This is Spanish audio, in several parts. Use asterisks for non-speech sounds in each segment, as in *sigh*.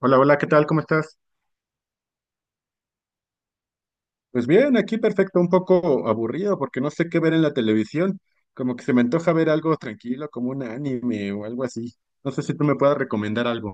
Hola, hola, ¿qué tal? ¿Cómo estás? Pues bien, aquí perfecto, un poco aburrido porque no sé qué ver en la televisión. Como que se me antoja ver algo tranquilo, como un anime o algo así. No sé si tú me puedas recomendar algo.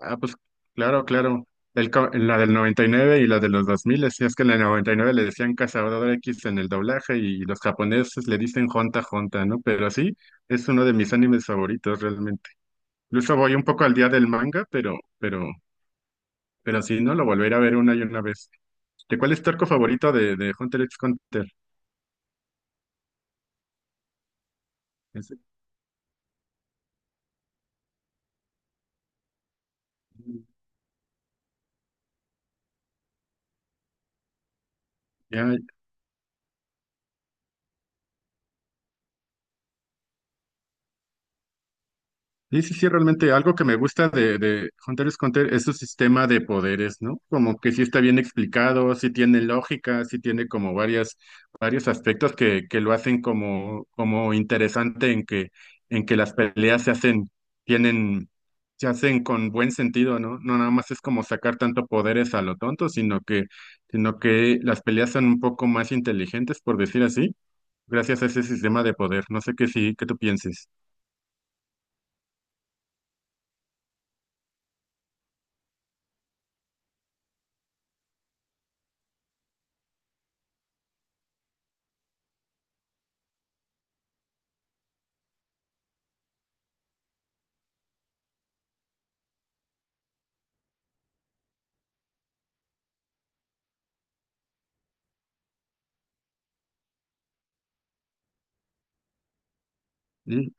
Ah, pues claro, claro. La del 99 y la de los 2000, si es que en la 99 le decían Cazador X en el doblaje y los japoneses le dicen Honta Honta, ¿no? Pero sí, es uno de mis animes favoritos realmente. Incluso voy un poco al día del manga, pero sí, ¿no? Lo volveré a ver una y una vez. ¿De cuál es tu arco favorito de Hunter x Hunter? Es- ya- sí, sí, sí, realmente algo que me gusta de Hunter x Hunter es su sistema de poderes, ¿no? Como que sí está bien explicado, sí tiene lógica, sí tiene como varios aspectos que lo hacen como interesante en que las peleas tienen, se hacen con buen sentido, ¿no? No nada más es como sacar tanto poderes a lo tonto, sino que las peleas son un poco más inteligentes, por decir así gracias a ese sistema de poder. No sé qué tú pienses. Y-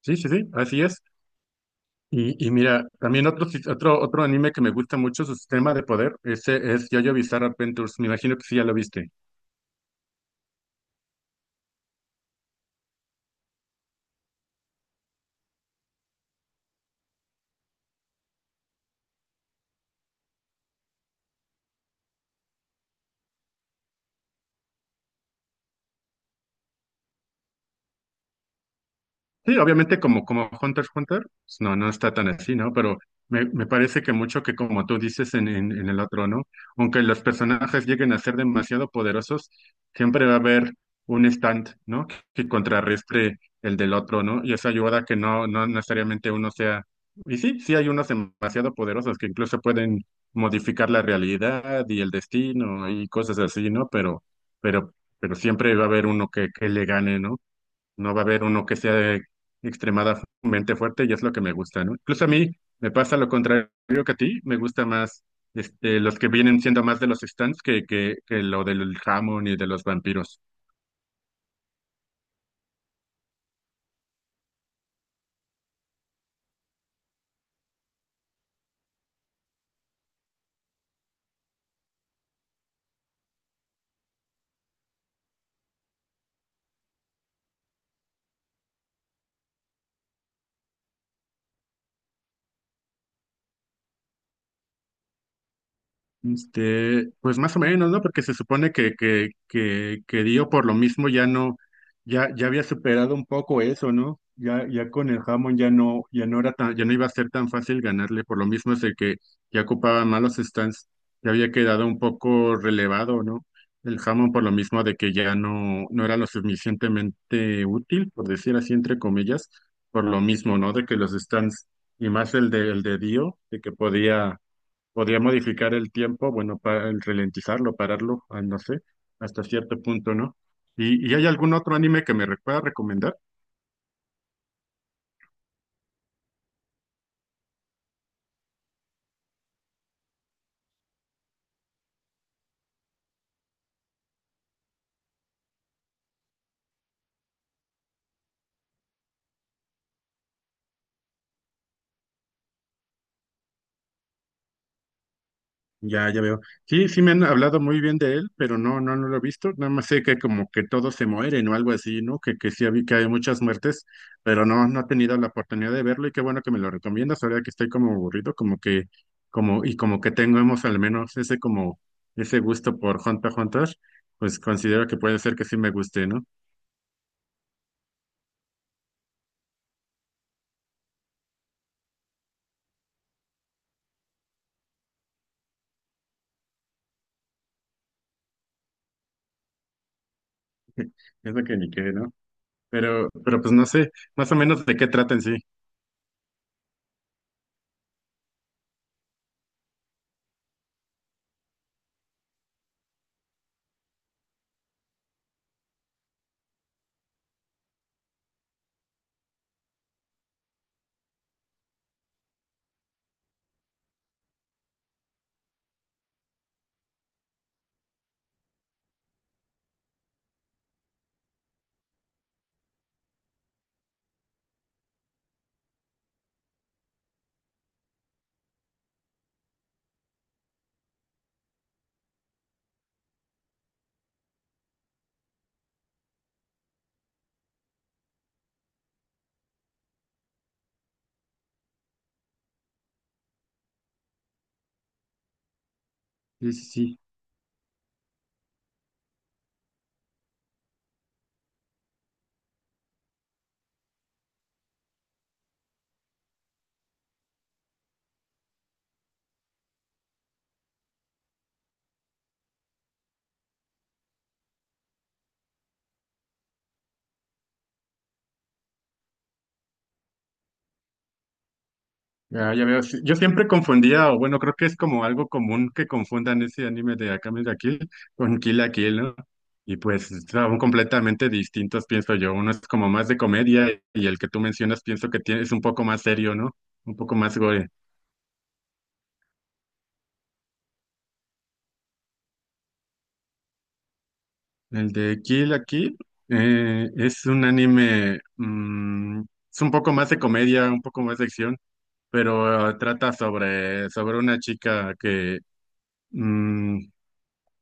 Sí, sí, sí, así es. Y mira, también otro anime que me gusta mucho, su sistema de poder, ese es Yo-Yo Bizarre Adventures. Me imagino que sí ya lo viste. Sí, obviamente como Hunter x Hunter, pues, no está tan así, ¿no? Pero me parece que mucho que como tú dices en el otro, ¿no? Aunque los personajes lleguen a ser demasiado poderosos, siempre va a haber un stand, ¿no? Que contrarrestre el del otro, ¿no? Y eso ayuda a que no necesariamente uno sea. Y sí, sí hay unos demasiado poderosos que incluso pueden modificar la realidad y el destino y cosas así, ¿no? Pero siempre va a haber uno que le gane, ¿no? No va a haber uno que sea extremadamente fuerte y es lo que me gusta, ¿no? Incluso a mí me pasa lo contrario que a ti, me gusta más los que vienen siendo más de los stands que lo del jamón y de los vampiros. Pues más o menos, ¿no? Porque se supone que Dio por lo mismo ya no, ya había superado un poco eso, ¿no? Ya con el Hammond ya no iba a ser tan fácil ganarle, por lo mismo es el que ya ocupaba malos stands, ya había quedado un poco relevado, ¿no? El Hammond por lo mismo de que ya no era lo suficientemente útil, por decir así, entre comillas, por lo mismo, ¿no? De que los stands, y más el de Dio, de que podía Podría modificar el tiempo, bueno, para el ralentizarlo, pararlo, ah, no sé, hasta cierto punto, ¿no? ¿Y hay algún otro anime que pueda recomendar? Ya, ya veo. Sí, sí me han hablado muy bien de él, pero no, no, no lo he visto. Nada más sé que como que todos se mueren o algo así, ¿no? Que sí vi que hay muchas muertes, pero no he tenido la oportunidad de verlo y qué bueno que me lo recomiendas ahora que estoy como aburrido, y como que tengamos al menos ese gusto por Hunter x Hunter, pues considero que puede ser que sí me guste, ¿no? Es de que ni qué, ¿no? Pero pues no sé, más o menos de qué trata en sí. Sí, sí, sí. Ah, ya veo. Sí. Yo siempre confundía, o bueno, creo que es como algo común que confundan ese anime de Akame de Kill con Kill la Kill, ¿no? Y pues son completamente distintos, pienso yo. Uno es como más de comedia y el que tú mencionas pienso que tiene, es un poco más serio, ¿no? Un poco más gore. El de Kill la Kill es un anime, es un poco más de comedia, un poco más de acción pero trata sobre una chica mm,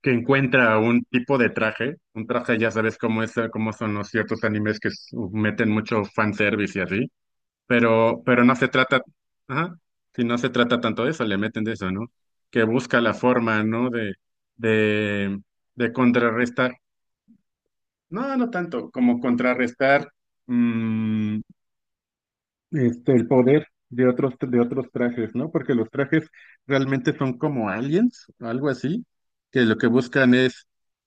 que encuentra un tipo de traje, un traje ya sabes cómo es, cómo son los ciertos animes que meten mucho fanservice y así, pero no se trata, ajá, si no se trata tanto de eso, le meten de eso, ¿no? Que busca la forma, ¿no? De, de contrarrestar, no, no tanto, como contrarrestar. mm, el poder de otros, trajes, ¿no? Porque los trajes realmente son como aliens, algo así, que lo que buscan es,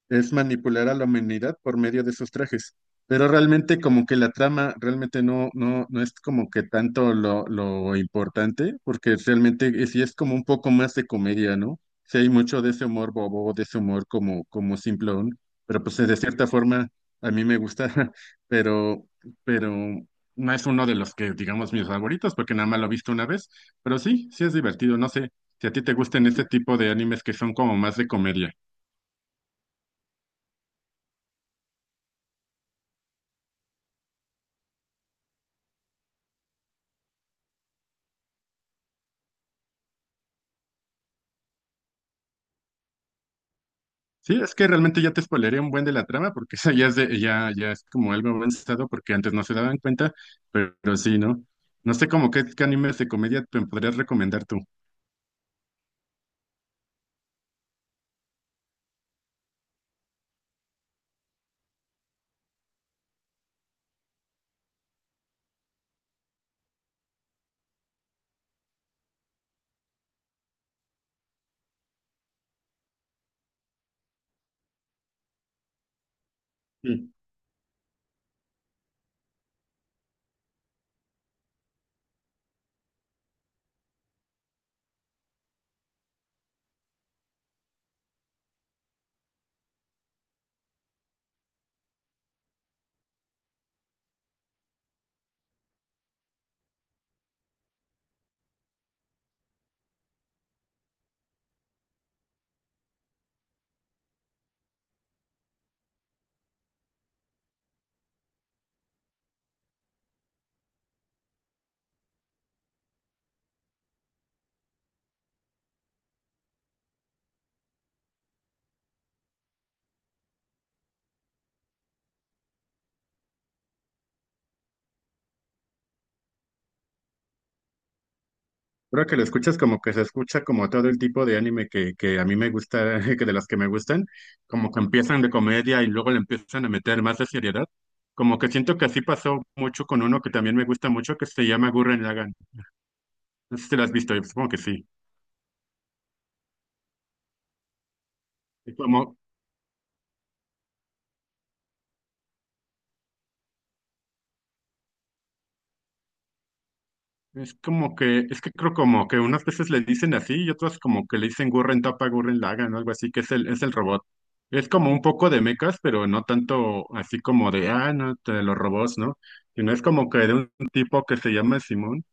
es manipular a la humanidad por medio de sus trajes. Pero realmente como que la trama realmente no es como que tanto lo importante, porque realmente sí es como un poco más de comedia, ¿no? Sí hay mucho de ese humor bobo, de ese humor como simplón, pero pues de cierta forma a mí me gusta, *laughs* pero, pero no es uno de los que, digamos, mis favoritos, porque nada más lo he visto una vez, pero sí, sí es divertido. No sé si a ti te gusten este tipo de animes que son como más de comedia. Sí, es que realmente ya te spoileré un buen de la trama, porque *laughs* esa ya es como algo avanzado, porque antes no se daban cuenta, pero sí, ¿no? No sé como qué animes de comedia te podrías recomendar tú. Creo que lo escuchas como que se escucha como todo el tipo de anime que a mí me gusta, *laughs* que de los que me gustan, como que empiezan de comedia y luego le empiezan a meter más de seriedad. Como que siento que así pasó mucho con uno que también me gusta mucho, que se llama Gurren Lagann. No sé si lo has visto, yo supongo que sí. Y como, es que creo como que unas veces le dicen así y otras como que le dicen Gurren Tapa, Gurren Lagann o algo así, que es el robot. Es como un poco de mechas, pero no tanto así como de, ah, no, los robots, ¿no? Sino es como que de un tipo que se llama Simón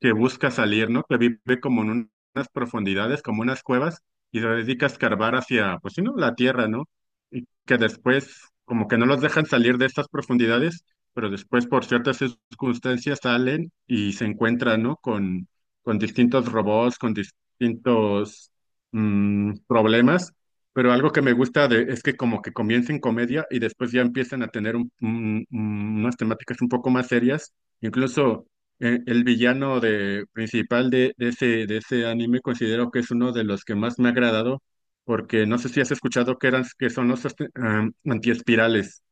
que busca salir, ¿no? Que vive como en unas profundidades, como unas cuevas, y se dedica a escarbar hacia, pues sí, ¿no? La tierra, ¿no? Y que después, como que no los dejan salir de estas profundidades, pero después por ciertas circunstancias salen y se encuentran, ¿no? Con distintos robots, con distintos problemas. Pero algo que me gusta de, es que como que comiencen comedia y después ya empiezan a tener unas temáticas un poco más serias. Incluso el villano principal de ese anime considero que es uno de los que más me ha agradado, porque no sé si has escuchado que eran, que son los antiespirales.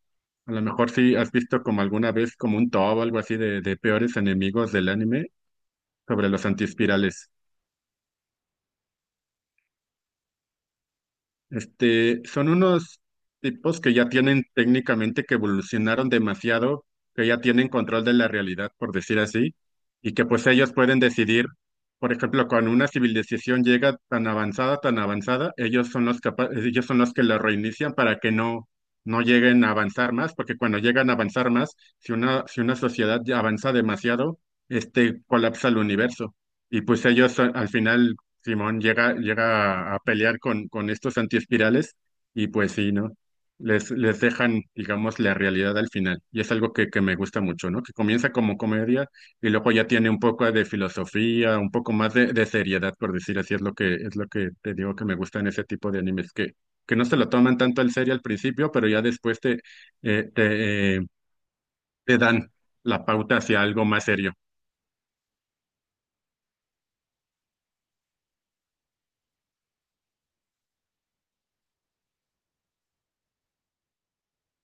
A lo mejor sí has visto como alguna vez como un top o algo así de peores enemigos del anime sobre los antiespirales. Son unos tipos que ya tienen técnicamente que evolucionaron demasiado, que ya tienen control de la realidad, por decir así, y que pues ellos pueden decidir, por ejemplo, cuando una civilización llega tan avanzada, ellos son los que la reinician para que no lleguen a avanzar más, porque cuando llegan a avanzar más, si una sociedad ya avanza demasiado, colapsa el universo. Y pues ellos al final Simón llega a pelear con estos antiespirales y pues sí, ¿no? Les dejan, digamos, la realidad al final. Y es algo que me gusta mucho, ¿no? Que comienza como comedia y luego ya tiene un poco de filosofía, un poco más de seriedad, por decir así, es lo que te digo que me gusta en ese tipo de animes, que no se lo toman tanto al serio al principio, pero ya después eh, te, eh, te dan la pauta hacia algo más serio.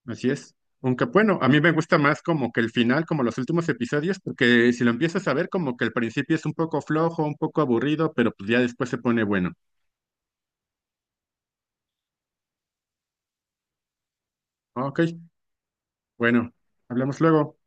Así es. Aunque bueno, a mí me gusta más como que el final, como los últimos episodios, porque si lo empiezas a ver, como que el principio es un poco flojo, un poco aburrido, pero pues ya después se pone bueno. Ok, bueno, hablamos luego.